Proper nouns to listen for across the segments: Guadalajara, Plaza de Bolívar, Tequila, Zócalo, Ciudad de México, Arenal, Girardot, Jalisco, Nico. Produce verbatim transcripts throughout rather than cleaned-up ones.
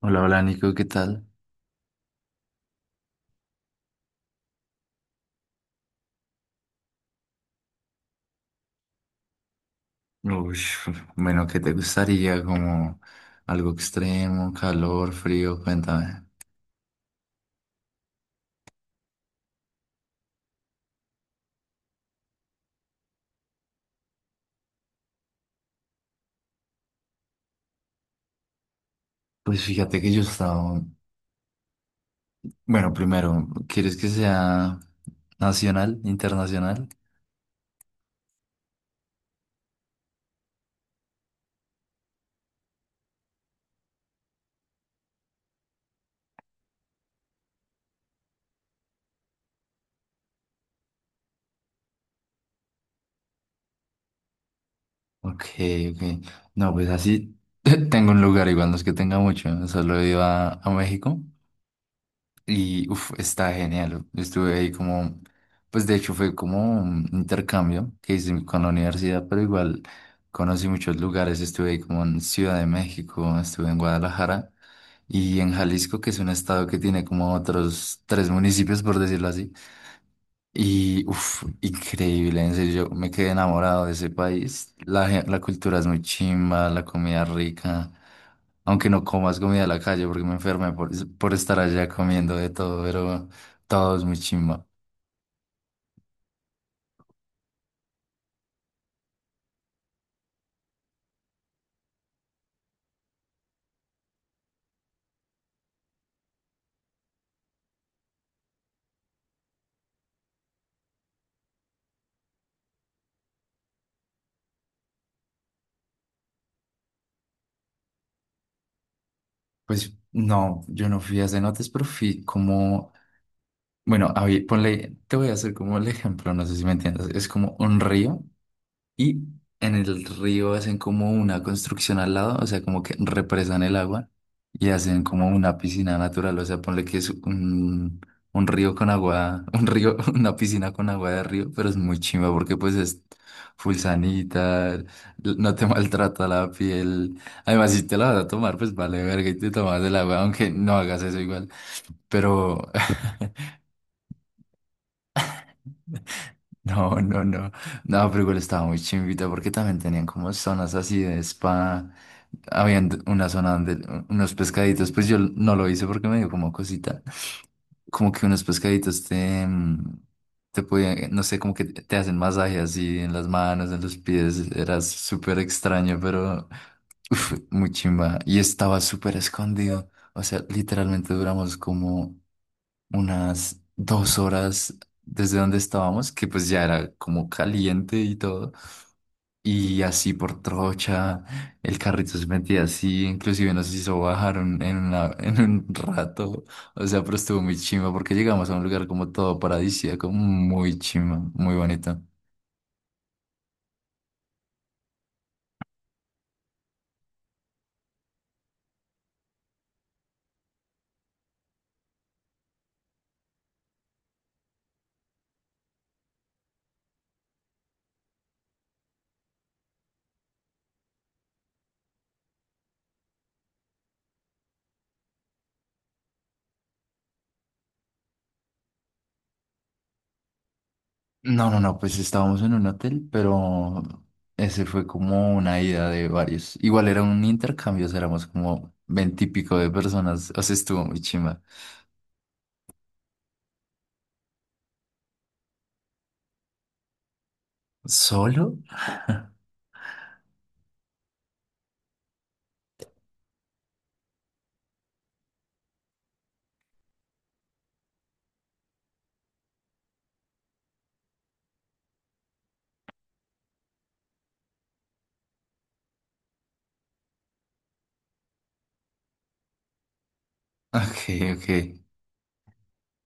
Hola, hola Nico, ¿qué tal? Uy, bueno, ¿qué te gustaría? Como algo extremo, calor, frío, cuéntame. Pues fíjate que yo estaba. Bueno, primero, ¿quieres que sea nacional, internacional? Ok, ok. No, pues así tengo un lugar, igual no es que tenga mucho, solo iba a a México. Y uff, está genial. Yo estuve ahí como, pues de hecho fue como un intercambio que hice con la universidad, pero igual conocí muchos lugares. Estuve ahí como en Ciudad de México, estuve en Guadalajara y en Jalisco, que es un estado que tiene como otros tres municipios, por decirlo así. Y, uff, increíble, en serio, yo me quedé enamorado de ese país. La, gen- la cultura es muy chimba, la comida rica. Aunque no comas comida de la calle porque me enfermé por, por estar allá comiendo de todo, pero todo es muy chimba. Pues no, yo no fui a cenotes, pero fui como, bueno, a ver, ponle, te voy a hacer como el ejemplo, no sé si me entiendes. Es como un río. Y en el río hacen como una construcción al lado, o sea, como que represan el agua y hacen como una piscina natural, o sea, ponle que es un, un río con agua, un río, una piscina con agua de río, pero es muy chimba porque pues es full sanita, l- no te maltrata la piel. Además, si te la vas a tomar, pues vale verga y te tomas el agua, aunque no hagas eso igual. Pero. No, no, no. No, pero igual estaba muy chimbita porque también tenían como zonas así de spa. Habían d- una zona donde u- unos pescaditos, pues yo l- no lo hice porque me dio como cosita. Como que unos pescaditos te, mm, te podían, no sé, como que te te hacen masaje así en las manos, en los pies. Era súper extraño, pero uf, muy chimba. Y estaba súper escondido. O sea, literalmente duramos como unas dos horas desde donde estábamos, que pues ya era como caliente y todo. Y así por trocha, el carrito se metía así, inclusive nos hizo bajar un- en, una- en un rato. O sea, pero estuvo muy chimba porque llegamos a un lugar como todo paradisíaco, muy chimba, muy bonito. No, no, no, pues estábamos en un hotel, pero ese fue como una ida de varios. Igual era un intercambio, o sea, éramos como veintipico de personas, o sea, estuvo muy chimba. ¿Solo? Ok, ok.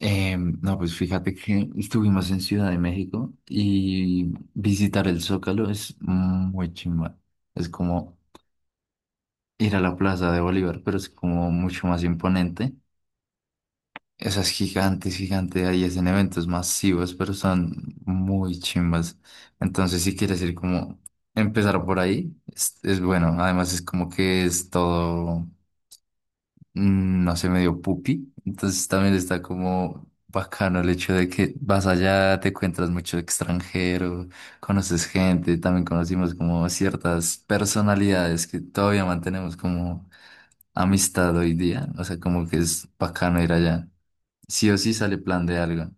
Em, no, pues fíjate que estuvimos en Ciudad de México y visitar el Zócalo es muy chimba. Es como ir a la Plaza de Bolívar, pero es como mucho más imponente. Esas gigantes, gigantes, ahí hacen eventos masivos, pero son muy chimbas. Entonces, si quieres ir como empezar por ahí, es, es bueno. Además, es como que es todo. mm, no sé, medio pupi. Entonces también está como bacano el hecho de que vas allá, te encuentras mucho extranjero, conoces gente, también conocimos como ciertas personalidades que todavía mantenemos como amistad hoy día. O sea, como que es bacano ir allá. Sí o sí sale plan de algo.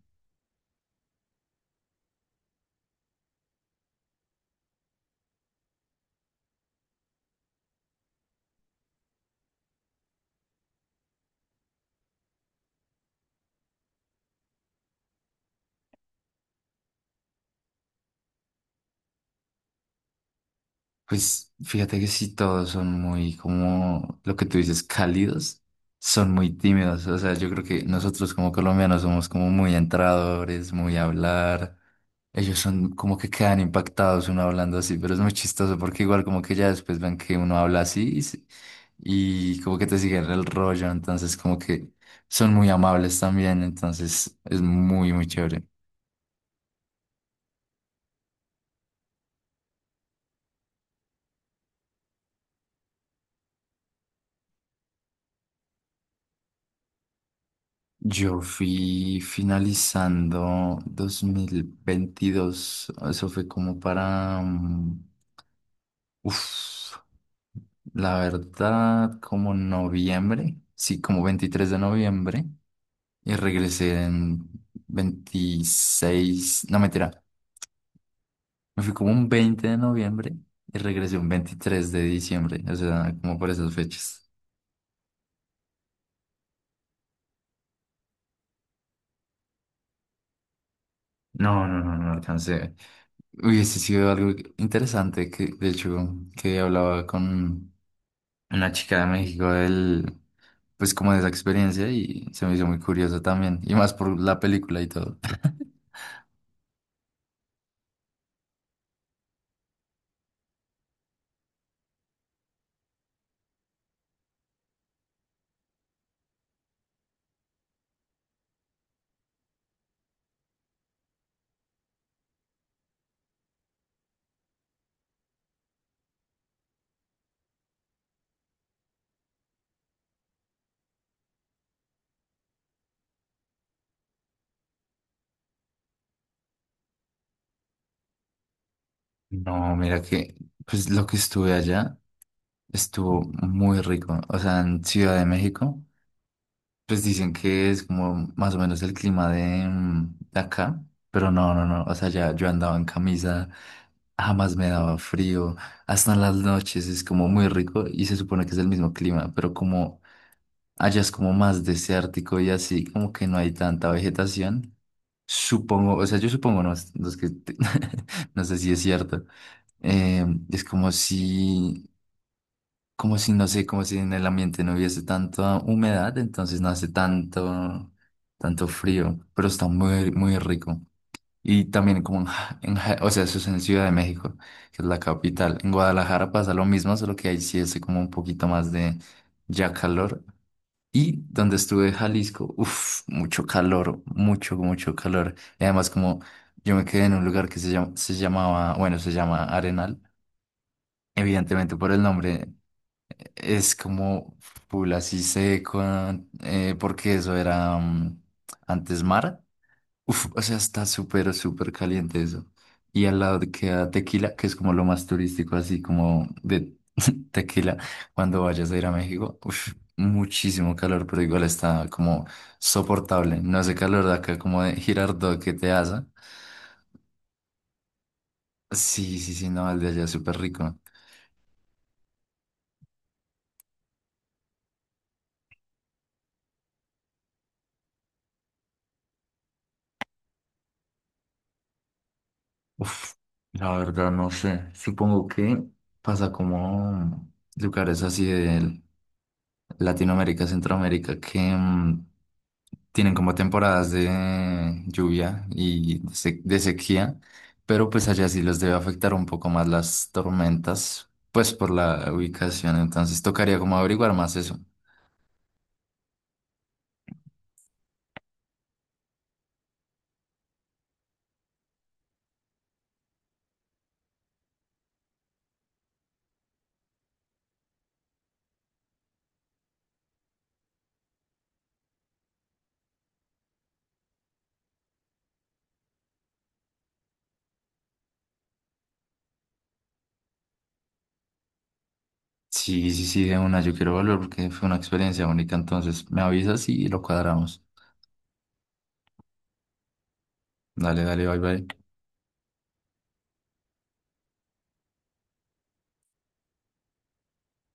Pues fíjate que sí, todos son muy, como lo que tú dices, cálidos, son muy tímidos. O sea, yo creo que nosotros como colombianos somos como muy entradores, muy a hablar. Ellos son como que quedan impactados uno hablando así, pero es muy chistoso porque igual como que ya después ven que uno habla así y, se- y como que te siguen el rollo. Entonces como que son muy amables también. Entonces es muy, muy chévere. Yo fui finalizando dos mil veintidós, eso fue como para, mm, uf, la verdad, como noviembre, sí, como veintitrés de noviembre, y regresé en veintiséis, no mentira, me fui como un veinte de noviembre y regresé un veintitrés de diciembre, o sea, como por esas fechas. No, no, no, no alcancé. Hubiese sido algo interesante que, de hecho, que hablaba con una chica de México del, pues como de esa experiencia y se me hizo muy curioso también, y más por la película y todo. No, mira que, pues lo que estuve allá estuvo muy rico, o sea, en Ciudad de México, pues dicen que es como más o menos el clima de, mm, de acá, pero no, no, no, o sea, ya yo andaba en camisa, jamás me daba frío, hasta en las noches es como muy rico y se supone que es el mismo clima, pero como allá es como más desértico y así, como que no hay tanta vegetación. Supongo, o sea, yo supongo, no, los que te- no sé si es cierto. Eh, es como si, como si, no sé, como si en el ambiente no hubiese tanta humedad, entonces no hace tanto, tanto frío, pero está muy, muy rico. Y también como en, Ja- en Ja- o sea, eso es en Ciudad de México, que es la capital. En Guadalajara pasa lo mismo, solo que ahí sí hace como un poquito más de ya calor. Y donde estuve en Jalisco, uff, mucho calor, mucho, mucho calor. Y además como yo me quedé en un lugar que se llama, se llamaba, bueno, se llama Arenal. Evidentemente por el nombre es como full así seco, eh, porque eso era mm, antes mar. Uf, o sea, está súper, súper caliente eso. Y al lado queda Tequila, que es como lo más turístico, así como de Tequila, cuando vayas a ir a México. Uf, muchísimo calor, pero igual está como soportable. No ese calor de acá como de Girardot que te hace. Sí, sí, sí, no, el de allá es súper rico. Uf, la verdad no sé. Supongo que pasa como lugares así de Latinoamérica, Centroamérica, que mm, tienen como temporadas de lluvia y de se- de sequía, pero pues allá sí los debe afectar un poco más las tormentas, pues por la ubicación, entonces tocaría como averiguar más eso. Sí, sí, sí, de una, yo quiero volver porque fue una experiencia única, entonces me avisas y lo cuadramos. Dale, dale, bye, bye.